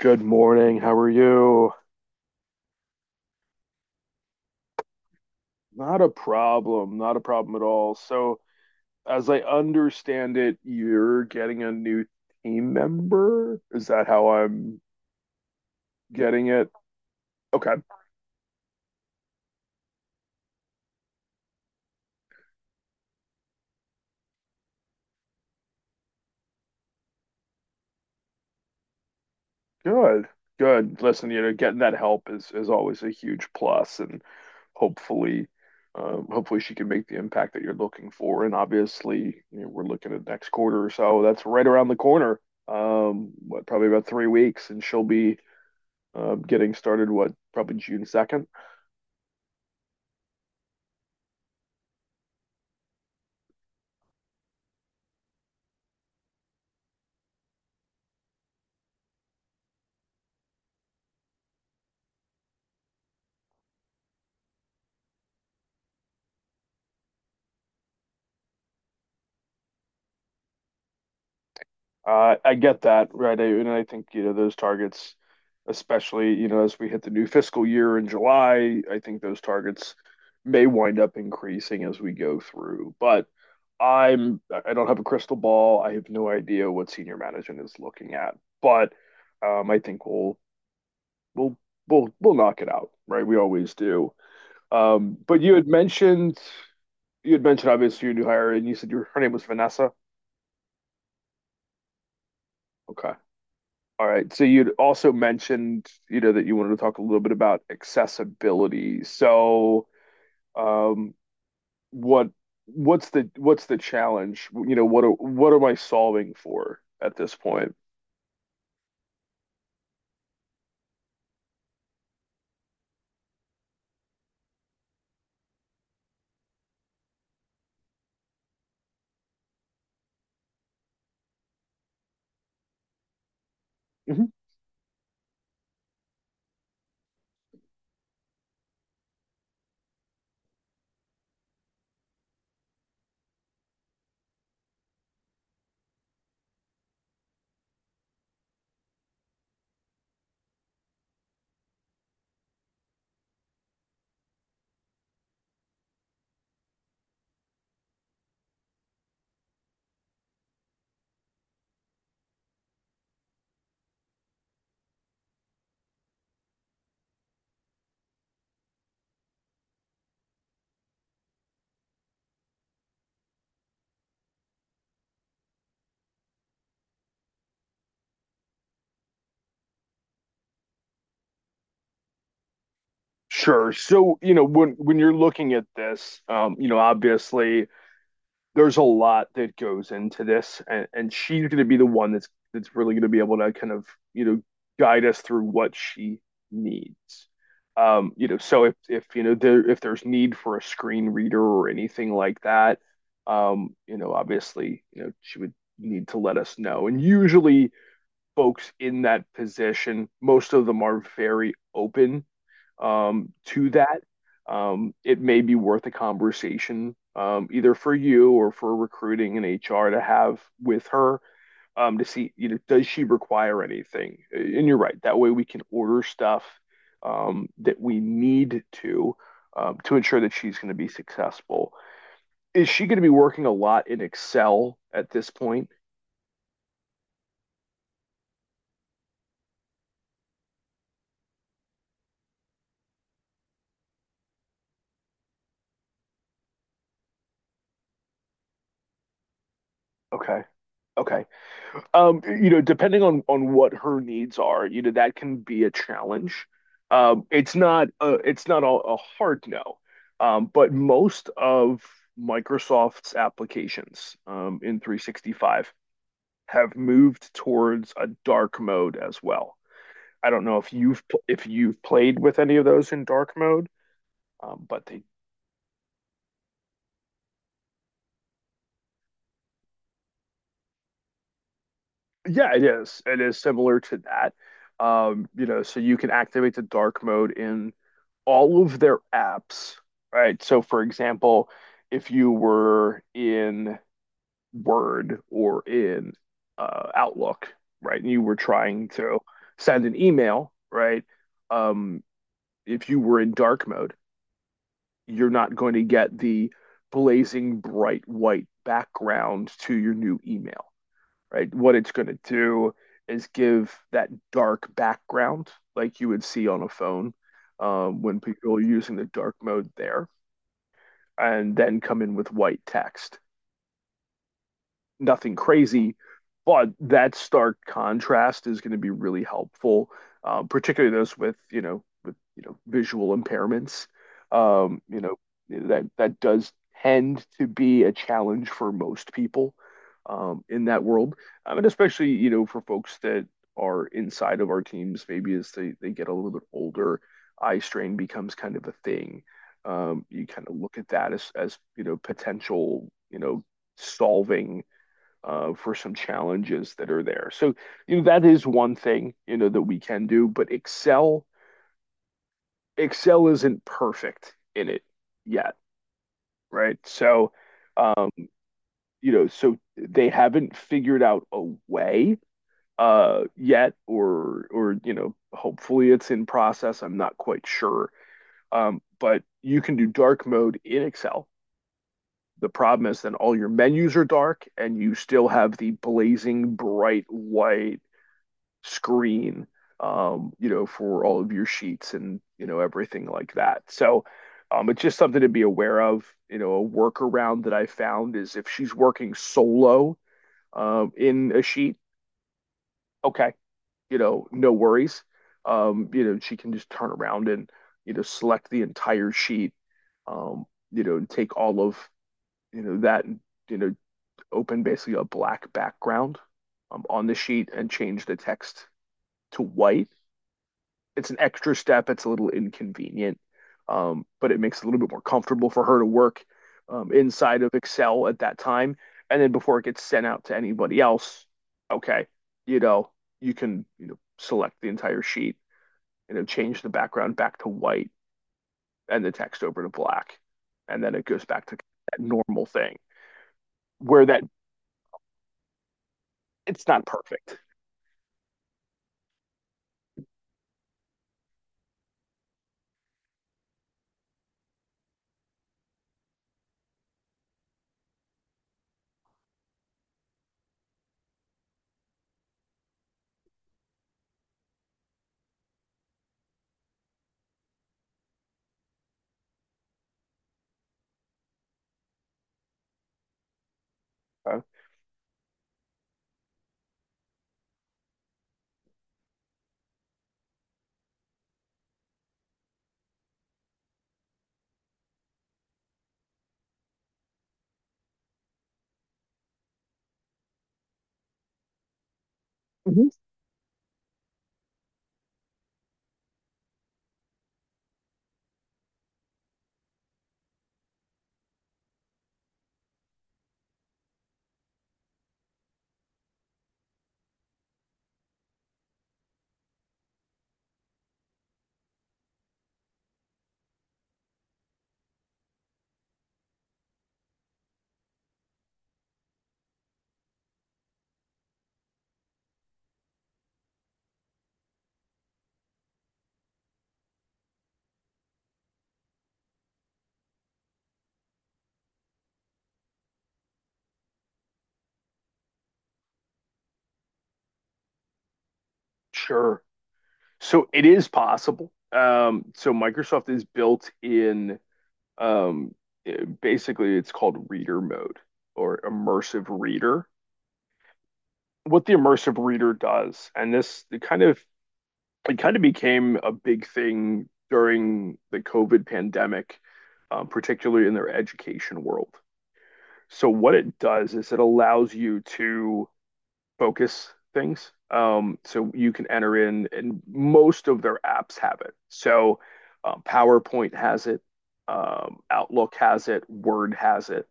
Good morning. How are you? Not a problem. Not a problem at all. So, as I understand it, you're getting a new team member. Is that how I'm getting it? Okay. Good. Good. Listen, getting that help is always a huge plus, and hopefully, hopefully she can make the impact that you're looking for. And obviously, we're looking at next quarter or so. That's right around the corner. What, probably about 3 weeks, and she'll be getting started, what, probably June 2nd. I get that, right? And I think, those targets, especially, as we hit the new fiscal year in July, I think those targets may wind up increasing as we go through. But I don't have a crystal ball. I have no idea what senior management is looking at, but I think we'll, we'll knock it out, right? We always do. But you had mentioned obviously your new hire and you said her name was Vanessa. Okay. All right. So you'd also mentioned, that you wanted to talk a little bit about accessibility. So, um, what what's the challenge? You know, what am I solving for at this point? Mhm. Sure. So, you know, when you're looking at this, you know, obviously there's a lot that goes into this, and she's going to be the one that's really going to be able to kind of you know guide us through what she needs. You know, so if you know there if there's need for a screen reader or anything like that, you know, obviously, you know, she would need to let us know. And usually, folks in that position, most of them are very open to that, it may be worth a conversation either for you or for recruiting and HR to have with her to see, you know, does she require anything? And you're right. That way we can order stuff that we need to ensure that she's going to be successful. Is she going to be working a lot in Excel at this point? Okay. Okay. You know, depending on what her needs are, you know, that can be a challenge. It's not a hard no. But most of Microsoft's applications in 365 have moved towards a dark mode as well. I don't know if you've played with any of those in dark mode, um, but they. Yeah, it is. It is similar to that. You know, so you can activate the dark mode in all of their apps, right? So, for example, if you were in Word or in Outlook, right, and you were trying to send an email, right? Um, if you were in dark mode, you're not going to get the blazing bright white background to your new email, right? What it's going to do is give that dark background like you would see on a phone when people are using the dark mode there. And then come in with white text, nothing crazy, but that stark contrast is going to be really helpful, particularly those with, you know, visual impairments. You know, that does tend to be a challenge for most people in that world. And especially, you know, for folks that are inside of our teams, maybe as they get a little bit older, eye strain becomes kind of a thing. You kind of look at that as you know, potential, you know, solving for some challenges that are there. So, you know, that is one thing, you know, that we can do, but Excel isn't perfect in it yet, right? So, um, you know, so they haven't figured out a way yet or you know hopefully it's in process. I'm not quite sure, but you can do dark mode in Excel. The problem is then all your menus are dark and you still have the blazing bright white screen, you know, for all of your sheets and, you know, everything like that. So it's just something to be aware of. You know, a workaround that I found is if she's working solo in a sheet, okay, you know, no worries. You know, she can just turn around and, you know, select the entire sheet, um, you know, and take all of, you know, that and, you know, open basically a black background on the sheet and change the text to white. It's an extra step. It's a little inconvenient, but it makes it a little bit more comfortable for her to work inside of Excel at that time. And then before it gets sent out to anybody else, okay, you know, you can you know select the entire sheet, you know, change the background back to white and the text over to black, and then it goes back to that normal thing where that It's not perfect. Uh, Mhm. Sure. So it is possible. So Microsoft is built in. Um, Basically, it's called reader mode or immersive reader. What the immersive reader does, and this it kind of became a big thing during the COVID pandemic, particularly in their education world. So what it does is it allows you to focus things. So you can enter in, and most of their apps have it. So PowerPoint has it, Outlook has it, Word has it.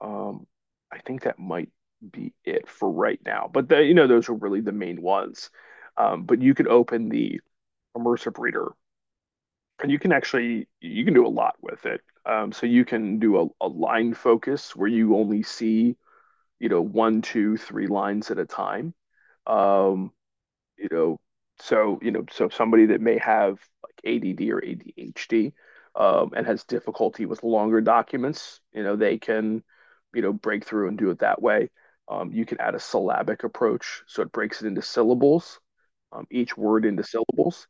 Um, I think that might be it for right now. But the, you know, those are really the main ones. But you could open the immersive reader and you can do a lot with it. So you can do a line focus where you only see, you know, one, two, three lines at a time. Um, you know, so, you know, so somebody that may have like ADD or ADHD and has difficulty with longer documents, you know, they can, you know, break through and do it that way. You can add a syllabic approach, so it breaks it into syllables, each word into syllables.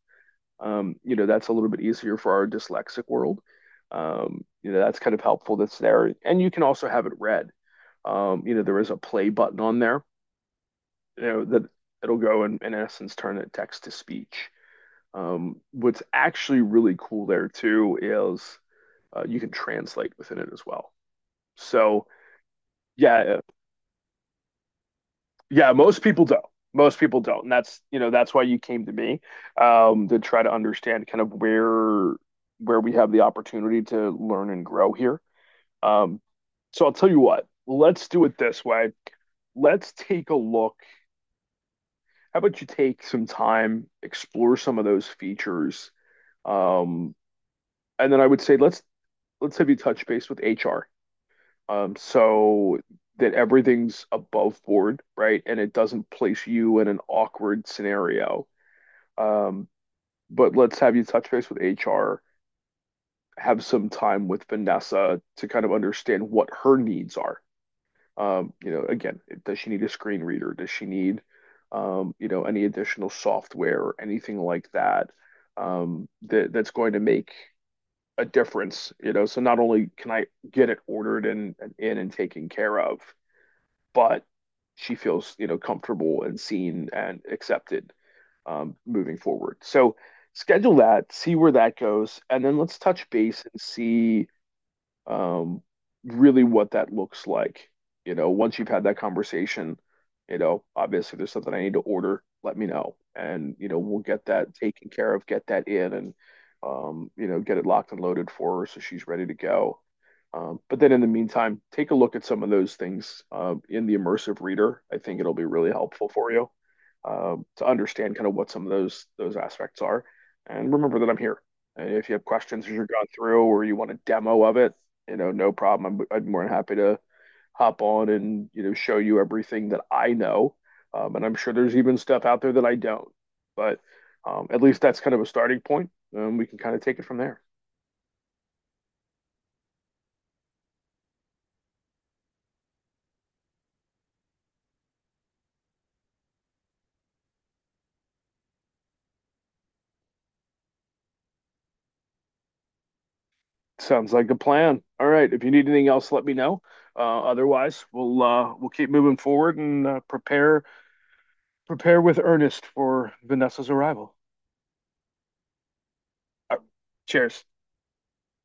You know, that's a little bit easier for our dyslexic world. You know, that's kind of helpful that's there. And you can also have it read. You know, there is a play button on there you know that it'll go and in essence turn it text to speech. What's actually really cool there too is you can translate within it as well. So yeah, yeah, most people don't. Most people don't, and that's you know that's why you came to me to try to understand kind of where we have the opportunity to learn and grow here. Um, so I'll tell you what, let's do it this way. Let's take a look. How about you take some time, explore some of those features. Um, and then I would say let's have you touch base with HR, so that everything's above board, right? And it doesn't place you in an awkward scenario. Um, but let's have you touch base with HR, have some time with Vanessa to kind of understand what her needs are. You know, again, does she need a screen reader? Does she need, you know, any additional software or anything like that, that that's going to make a difference, you know. So not only can I get it ordered and in and taken care of, but she feels, you know, comfortable and seen and accepted moving forward. So schedule that, see where that goes, and then let's touch base and see um, really what that looks like. You know, once you've had that conversation, you know, obviously there's something I need to order, let me know. And, you know, we'll get that taken care of, get that in and, you know, get it locked and loaded for her so she's ready to go. But then in the meantime, take a look at some of those things in the immersive reader. I think it'll be really helpful for you to understand kind of what some of those aspects are. And remember that I'm here. And if you have questions as you're going through or you want a demo of it, you know, no problem. I'm more than happy to hop on and, you know, show you everything that I know. And I'm sure there's even stuff out there that I don't. But at least that's kind of a starting point. And we can kind of take it from there. Sounds like a plan. All right. If you need anything else, let me know. Otherwise, we'll keep moving forward and prepare with earnest for Vanessa's arrival. All right. Cheers.